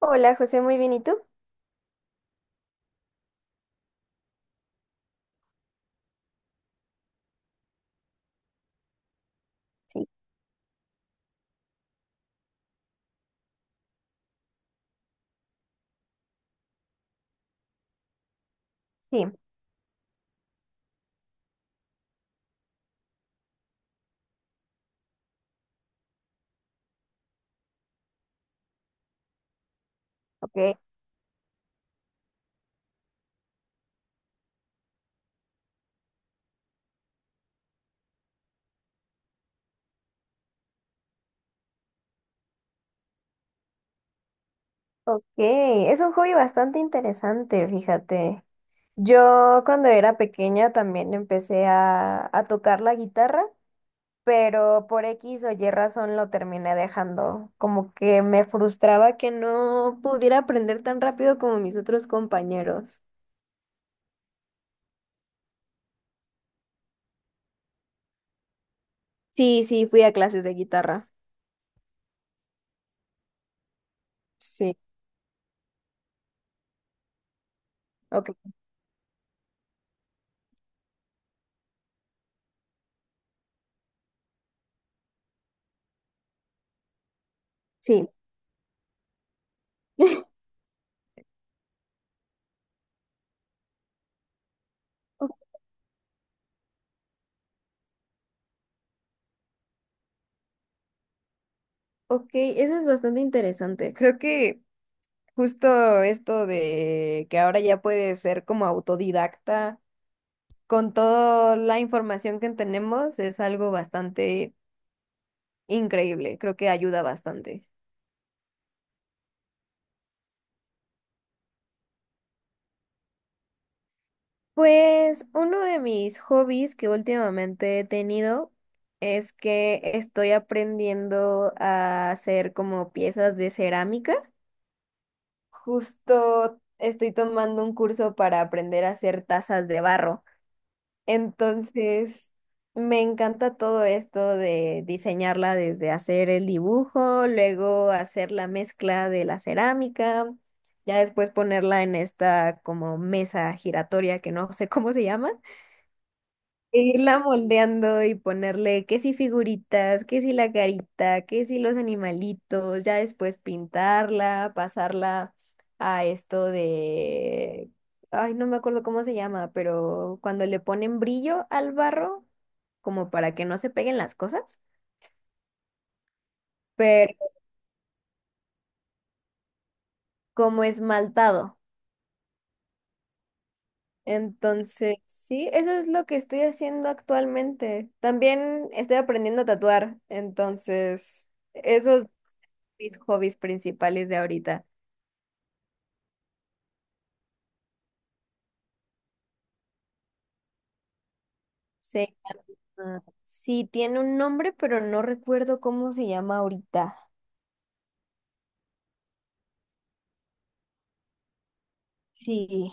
Hola José, muy bien, ¿y tú? Sí, sí, ok. Ok, es un hobby bastante interesante, fíjate. Yo cuando era pequeña también empecé a tocar la guitarra, pero por X o Y razón lo terminé dejando. Como que me frustraba que no pudiera aprender tan rápido como mis otros compañeros. Sí, sí, fui a clases de guitarra. Sí, ok, sí. O- Ok, eso es bastante interesante. Creo que justo esto de que ahora ya puedes ser como autodidacta con toda la información que tenemos es algo bastante increíble, creo que ayuda bastante. Pues uno de mis hobbies que últimamente he tenido es que estoy aprendiendo a hacer como piezas de cerámica. Justo estoy tomando un curso para aprender a hacer tazas de barro. Entonces, me encanta todo esto de diseñarla, desde hacer el dibujo, luego hacer la mezcla de la cerámica, ya después ponerla en esta como mesa giratoria que no sé cómo se llama, e irla moldeando y ponerle que si figuritas, que si la carita, que si los animalitos, ya después pintarla, pasarla a esto de, ay, no me acuerdo cómo se llama, pero cuando le ponen brillo al barro, como para que no se peguen las cosas, pero como esmaltado. Entonces, sí, eso es lo que estoy haciendo actualmente. También estoy aprendiendo a tatuar, entonces, esos mis hobbies principales de ahorita. Se llama... Sí, tiene un nombre, pero no recuerdo cómo se llama ahorita. Sí,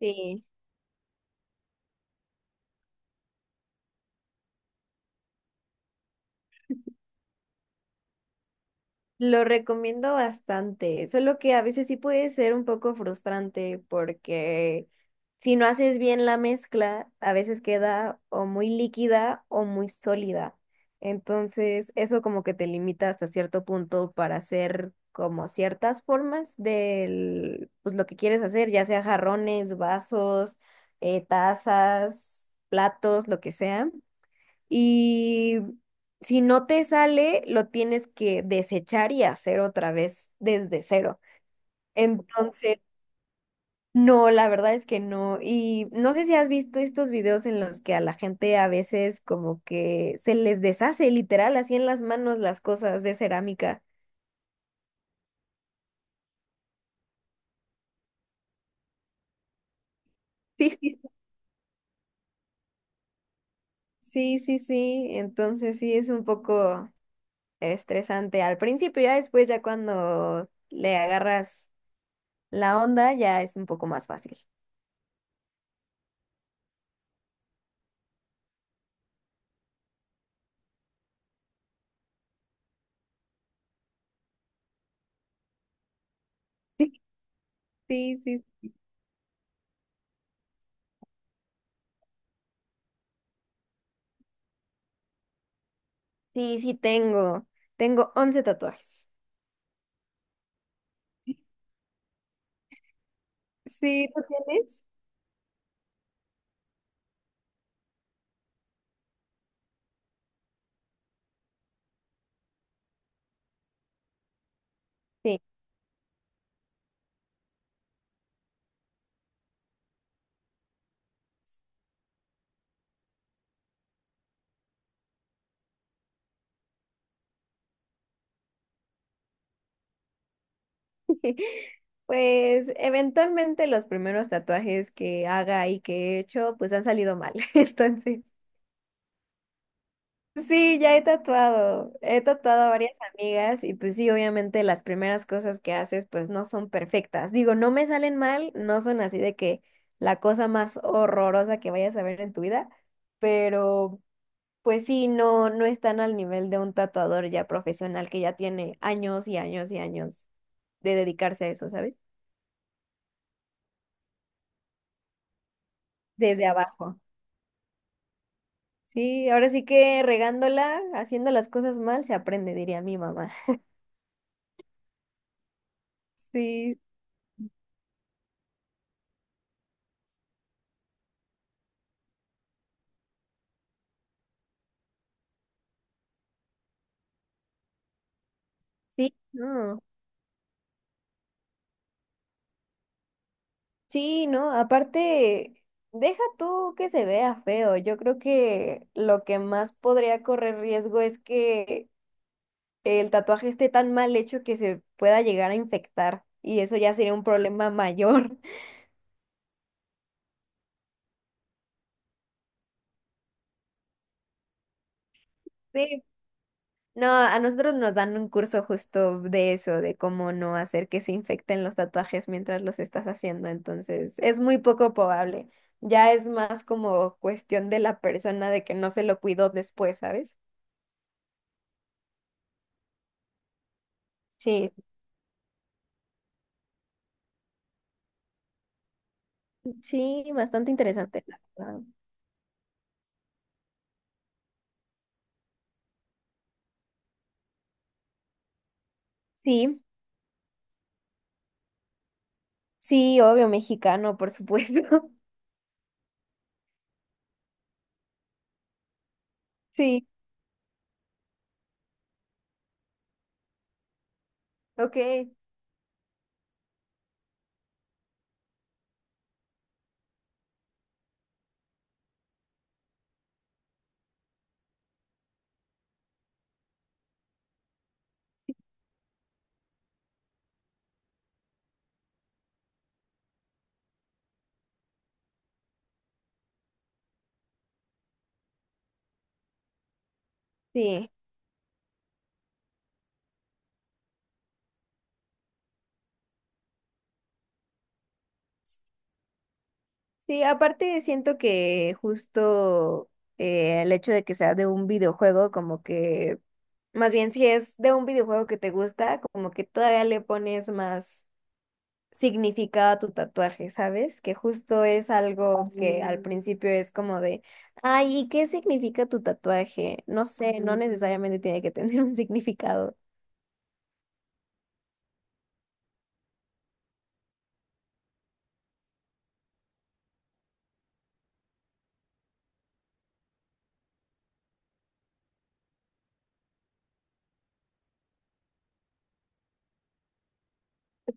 sí. Lo recomiendo bastante, solo que a veces sí puede ser un poco frustrante porque si no haces bien la mezcla, a veces queda o muy líquida o muy sólida. Entonces, eso como que te limita hasta cierto punto para hacer como ciertas formas de pues lo que quieres hacer, ya sea jarrones, vasos, tazas, platos, lo que sea. Y si no te sale, lo tienes que desechar y hacer otra vez desde cero. Entonces, no, la verdad es que no. Y no sé si has visto estos videos en los que a la gente a veces como que se les deshace literal así en las manos las cosas de cerámica. Sí, sí, sí, sí, sí. Entonces sí es un poco estresante al principio, ya después, ya cuando le agarras la onda, ya es un poco más fácil. Sí, sí, sí, sí tengo. Tengo 11 tatuajes. Sí, ¿tú tienes? Sí. Pues eventualmente los primeros tatuajes que haga y que he hecho, pues han salido mal. Entonces, sí, ya he tatuado. He tatuado a varias amigas y pues sí, obviamente las primeras cosas que haces pues no son perfectas. Digo, no me salen mal, no son así de que la cosa más horrorosa que vayas a ver en tu vida, pero pues sí, no, no están al nivel de un tatuador ya profesional que ya tiene años y años y años de dedicarse a eso, ¿sabes? Desde abajo. Sí, ahora sí que regándola, haciendo las cosas mal, se aprende, diría mi mamá. Sí, sí, no. Sí, no, aparte, deja tú que se vea feo. Yo creo que lo que más podría correr riesgo es que el tatuaje esté tan mal hecho que se pueda llegar a infectar, y eso ya sería un problema mayor. Sí, no, a nosotros nos dan un curso justo de eso, de cómo no hacer que se infecten los tatuajes mientras los estás haciendo. Entonces, es muy poco probable. Ya es más como cuestión de la persona de que no se lo cuidó después, ¿sabes? Sí, sí, bastante interesante, la verdad. Sí, sí, obvio, mexicano, por supuesto. Sí, ok, sí. Sí, aparte siento que justo el hecho de que sea de un videojuego, como que más bien, si es de un videojuego que te gusta, como que todavía le pones más significado a tu tatuaje, ¿sabes? Que justo es algo que al principio es como de, ay, ¿y qué significa tu tatuaje? No sé, no Ujú. Necesariamente tiene que tener un significado.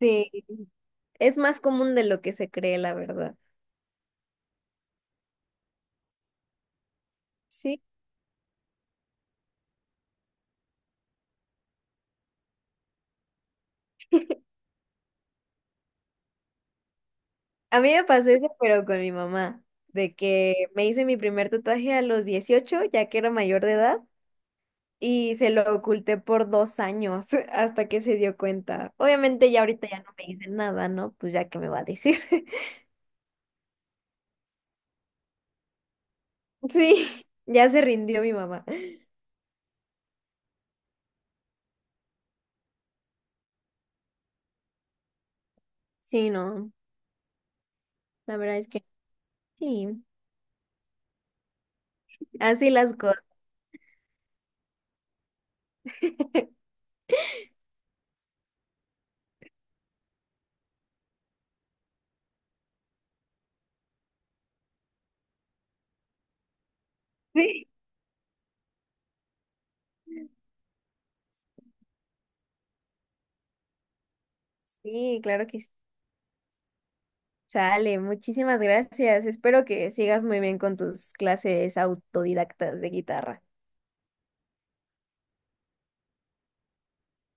Sí, es más común de lo que se cree, la verdad. Sí, a mí me pasó eso, pero con mi mamá, de que me hice mi primer tatuaje a los 18, ya que era mayor de edad. Y se lo oculté por 2 años hasta que se dio cuenta. Obviamente ya ahorita ya no me dice nada, ¿no? Pues ya que me va a decir. Sí, ya se rindió mi mamá. Sí, no, la verdad es que sí, así las cosas. Sí, sí, claro que sí. Sale, muchísimas gracias. Espero que sigas muy bien con tus clases autodidactas de guitarra.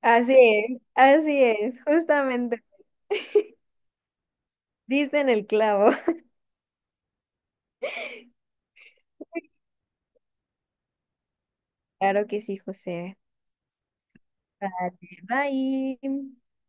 Así es, justamente. Diste en el clavo. Claro que sí, José. Vale, bye.